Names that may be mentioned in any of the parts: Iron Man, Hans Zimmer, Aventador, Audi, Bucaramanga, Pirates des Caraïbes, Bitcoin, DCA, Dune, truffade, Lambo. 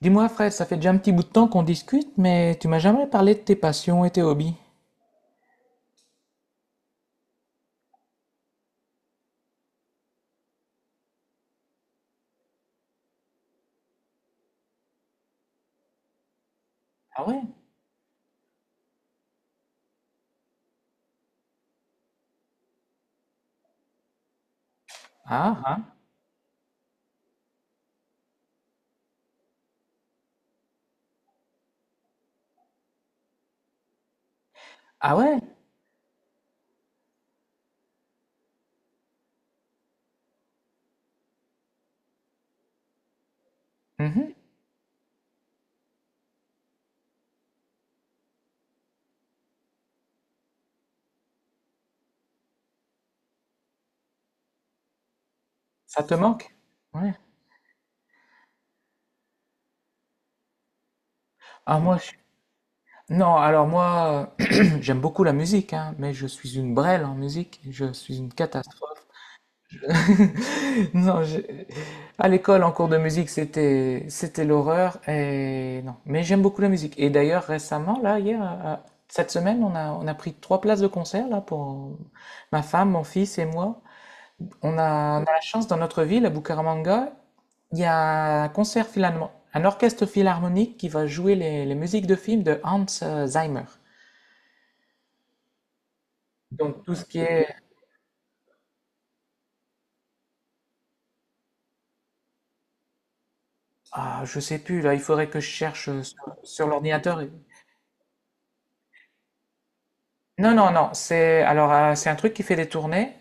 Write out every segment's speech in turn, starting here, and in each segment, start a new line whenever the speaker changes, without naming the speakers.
Dis-moi, Fred, ça fait déjà un petit bout de temps qu'on discute, mais tu m'as jamais parlé de tes passions et tes hobbies. Ah ouais? Ah, ah. Ah ouais? Mhm. Ça te manque? Ouais. Ah, moi, je... Non, alors moi, j'aime beaucoup la musique, hein, mais je suis une brêle en musique. Je suis une catastrophe. Non, j'ai- à l'école, en cours de musique, c'était l'horreur et non. Mais j'aime beaucoup la musique. Et d'ailleurs, récemment, là, hier, à- cette semaine, on a pris trois places de concert là pour ma femme, mon fils et moi. On a la chance dans notre ville, à Bucaramanga, il y a un concert finalement, un orchestre philharmonique qui va jouer les musiques de films de Hans Zimmer. Donc tout ce qui est, ah, je sais plus là, il faudrait que je cherche sur, sur l'ordinateur. Non, non, non, c'est alors c'est un truc qui fait des tournées.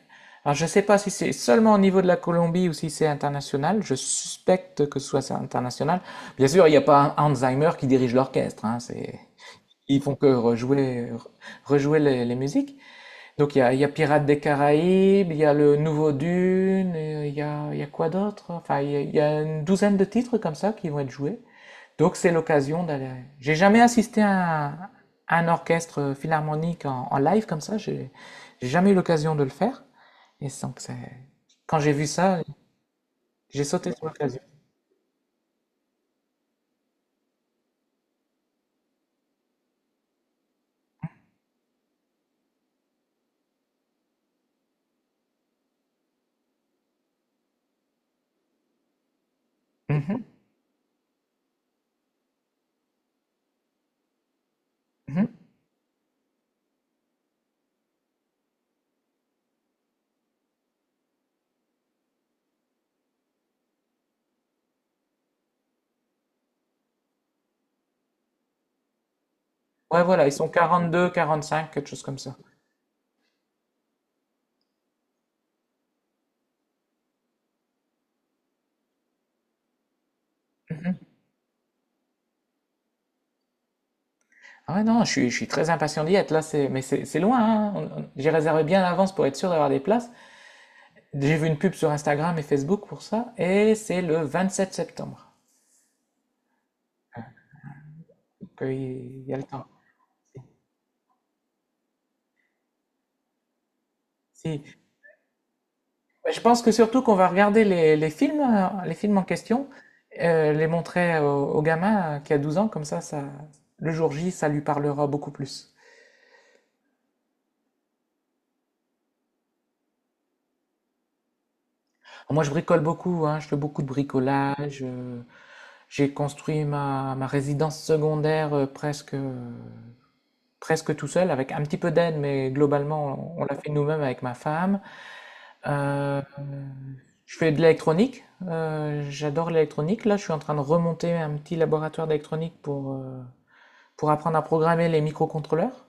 Alors je sais pas si c'est seulement au niveau de la Colombie ou si c'est international. Je suspecte que ce soit international. Bien sûr, il n'y a pas un Alzheimer qui dirige l'orchestre. Hein, c'est ils font que rejouer re- rejouer les musiques. Donc il y a Pirates des Caraïbes, il y a le nouveau Dune, et il y a quoi d'autre? Enfin, il y a une douzaine de titres comme ça qui vont être joués. Donc c'est l'occasion d'aller. J'ai jamais assisté à un, orchestre philharmonique en, en live comme ça. J'ai jamais eu l'occasion de le faire. Et sans que c'est- quand j'ai vu ça, j'ai sauté sur l'occasion. Mhm, mhm. Ouais, voilà, ils sont 42, 45, quelque chose comme ça. Mhm. Ah ouais, non, je suis très impatient d'y être. Là, c'est, mais c'est loin, hein. On- J'ai réservé bien à l'avance pour être sûr d'avoir des places. J'ai vu une pub sur Instagram et Facebook pour ça. Et c'est le 27 septembre. Donc, il y a le temps. Si, si je pense que surtout qu'on va regarder les films en question, les montrer au, au gamin qui a 12 ans, comme ça, le jour J, ça lui parlera beaucoup plus. Alors moi, je bricole beaucoup, hein, je fais beaucoup de bricolage, j'ai construit ma, ma résidence secondaire presque, presque tout seul avec un petit peu d'aide, mais globalement, on l'a fait nous-mêmes avec ma femme. Euh, je fais de l'électronique. J'adore l'électronique. Là, je suis en train de remonter un petit laboratoire d'électronique pour apprendre à programmer les microcontrôleurs.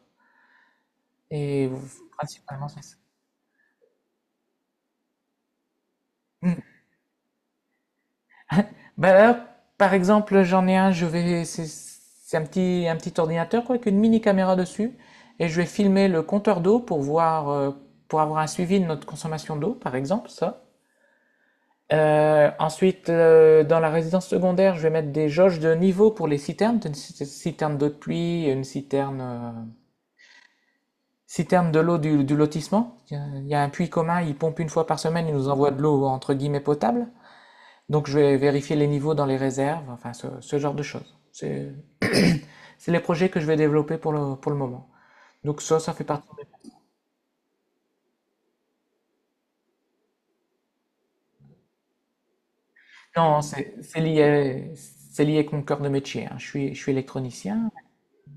Et principalement, c'est ça. Ben là, par exemple, j'en ai un, je vais, c'est un petit ordinateur quoi, avec une mini caméra dessus, et je vais filmer le compteur d'eau pour voir, pour avoir un suivi de notre consommation d'eau, par exemple, ça. Ensuite, dans la résidence secondaire, je vais mettre des jauges de niveau pour les citernes. Une ci- citerne d'eau de pluie, une citerne, citerne de l'eau du lotissement. Il y a un puits commun, il pompe une fois par semaine, il nous envoie de l'eau entre guillemets potable. Donc je vais vérifier les niveaux dans les réserves, enfin ce genre de choses. C'est les projets que je vais développer pour le moment. Donc ça fait partie. Non, c'est lié, c'est lié avec mon cœur de métier, hein. Je suis électronicien.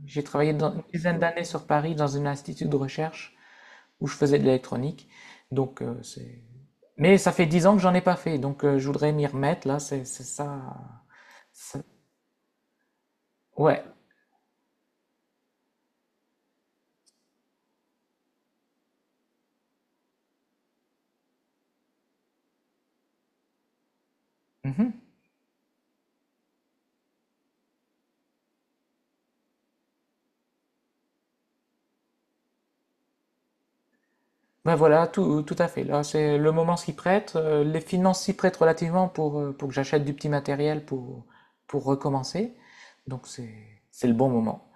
J'ai travaillé dans une dizaine d'années sur Paris dans un institut de recherche où je faisais de l'électronique. Donc, c'est... Mais ça fait dix ans que j'en ai pas fait, donc je voudrais m'y remettre, là, c'est ça. Ça- Ouais. Mhm. Ben voilà, tout, tout à fait. Là, c'est le moment s'y prête, les finances s'y prêtent relativement pour que j'achète du petit matériel pour recommencer. Donc c'est le bon moment.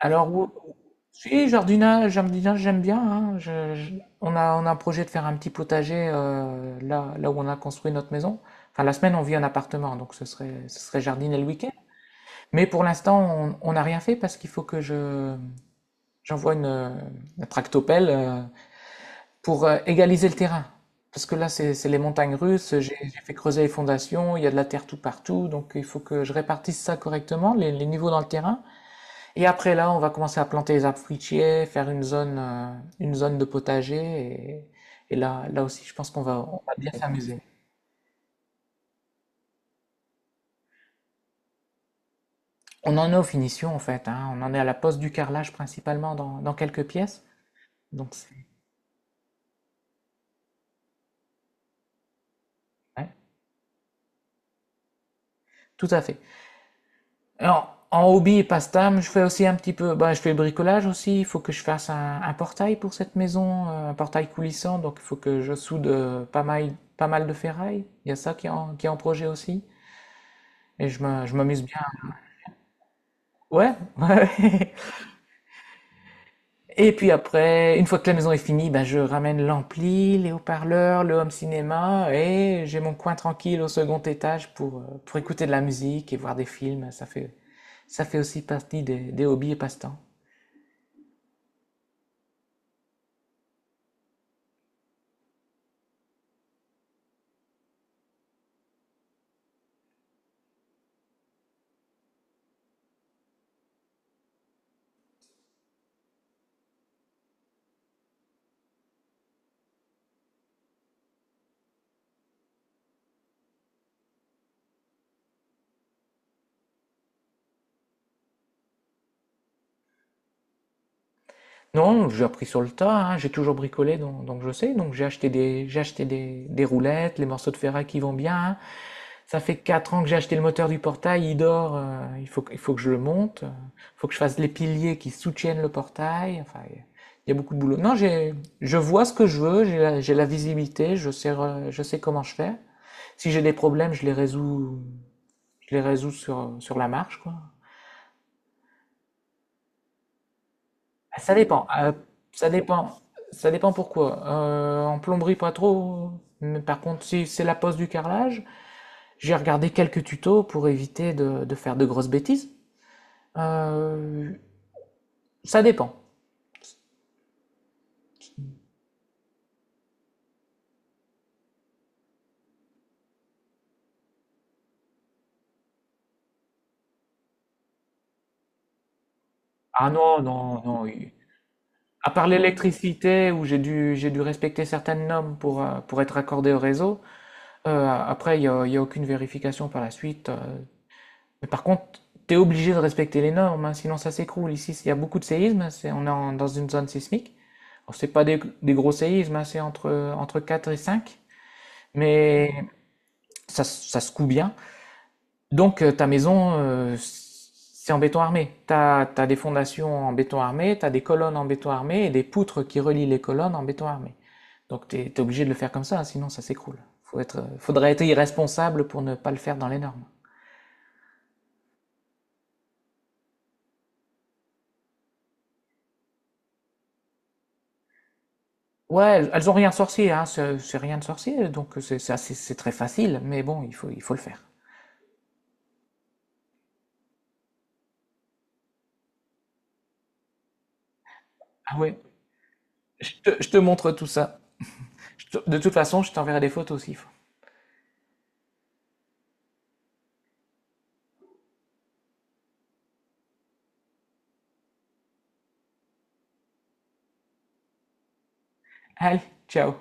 Alors, ou- si, jardinage, jardinage, j'aime bien, hein. Je- on a un projet de faire un petit potager là, là où on a construit notre maison. Enfin, la semaine, on vit en appartement, donc ce serait jardiner le week-end. Mais pour l'instant, on n'a rien fait parce qu'il faut que je, j'envoie une tractopelle pour égaliser le terrain. Parce que là, c'est les montagnes russes, j'ai fait creuser les fondations, il y a de la terre tout partout, donc il faut que je répartisse ça correctement, les niveaux dans le terrain. Et après là, on va commencer à planter les arbres fruitiers, faire une zone de potager. Et là, là aussi, je pense qu'on va, on va bien s'amuser. On en est aux finitions en fait, hein. On en est à la pose du carrelage principalement dans, dans quelques pièces. Donc, c'est- ouais, tout à fait. Alors, en hobby et passe-temps, je fais aussi un petit peu. Bah, je fais le bricolage aussi. Il faut que je fasse un portail pour cette maison, un portail coulissant. Donc, il faut que je soude pas mal, pas mal de ferraille. Il y a ça qui est en projet aussi. Et je me- je m'amuse bien. Ouais, ouais. Et puis après, une fois que la maison est finie, ben je ramène l'ampli, les haut-parleurs, le home cinéma et j'ai mon coin tranquille au second étage pour écouter de la musique et voir des films. Ça fait aussi partie des hobbies et passe-temps. Non, j'ai appris sur le tas, hein, j'ai toujours bricolé, donc je sais. Donc j'ai acheté des roulettes, les morceaux de ferraille qui vont bien, hein. Ça fait 4 ans que j'ai acheté le moteur du portail, il dort, il faut que je le monte, il faut que je fasse les piliers qui soutiennent le portail. Enfin, il y a beaucoup de boulot. Non, j'ai, je vois ce que je veux, j'ai la visibilité, je sais, re- je sais comment je fais. Si j'ai des problèmes, je les résous sur, sur la marche, quoi. Ça dépend. Ça dépend. Ça dépend pourquoi. En plomberie, pas trop. Mais par contre, si c'est la pose du carrelage, j'ai regardé quelques tutos pour éviter de faire de grosses bêtises. Euh, ça dépend. Ah non, non, non. Oui, à part l'électricité, où j'ai dû respecter certaines normes pour être accordé au réseau, après, il n'y a, il y a aucune vérification par la suite. Mais par contre, tu es obligé de respecter les normes, hein, sinon ça s'écroule. Ici, il y a beaucoup de séismes, c'est, on est en- dans une zone sismique. C'est pas des, des gros séismes, hein, c'est entre, entre 4 et 5, mais ça se coud bien. Donc ta maison, c'est en béton armé. Tu as, des fondations en béton armé, tu as des colonnes en béton armé et des poutres qui relient les colonnes en béton armé. Donc tu es, obligé de le faire comme ça, sinon ça s'écroule. Faut être, faudrait être irresponsable pour ne pas le faire dans les normes. Ouais, elles ont rien de sorcier, hein, c'est rien de sorcier, donc c'est assez- c'est très facile, mais bon, il faut le faire. Ah ouais, je te montre tout ça. De toute façon, je t'enverrai des photos aussi. Allez, ciao.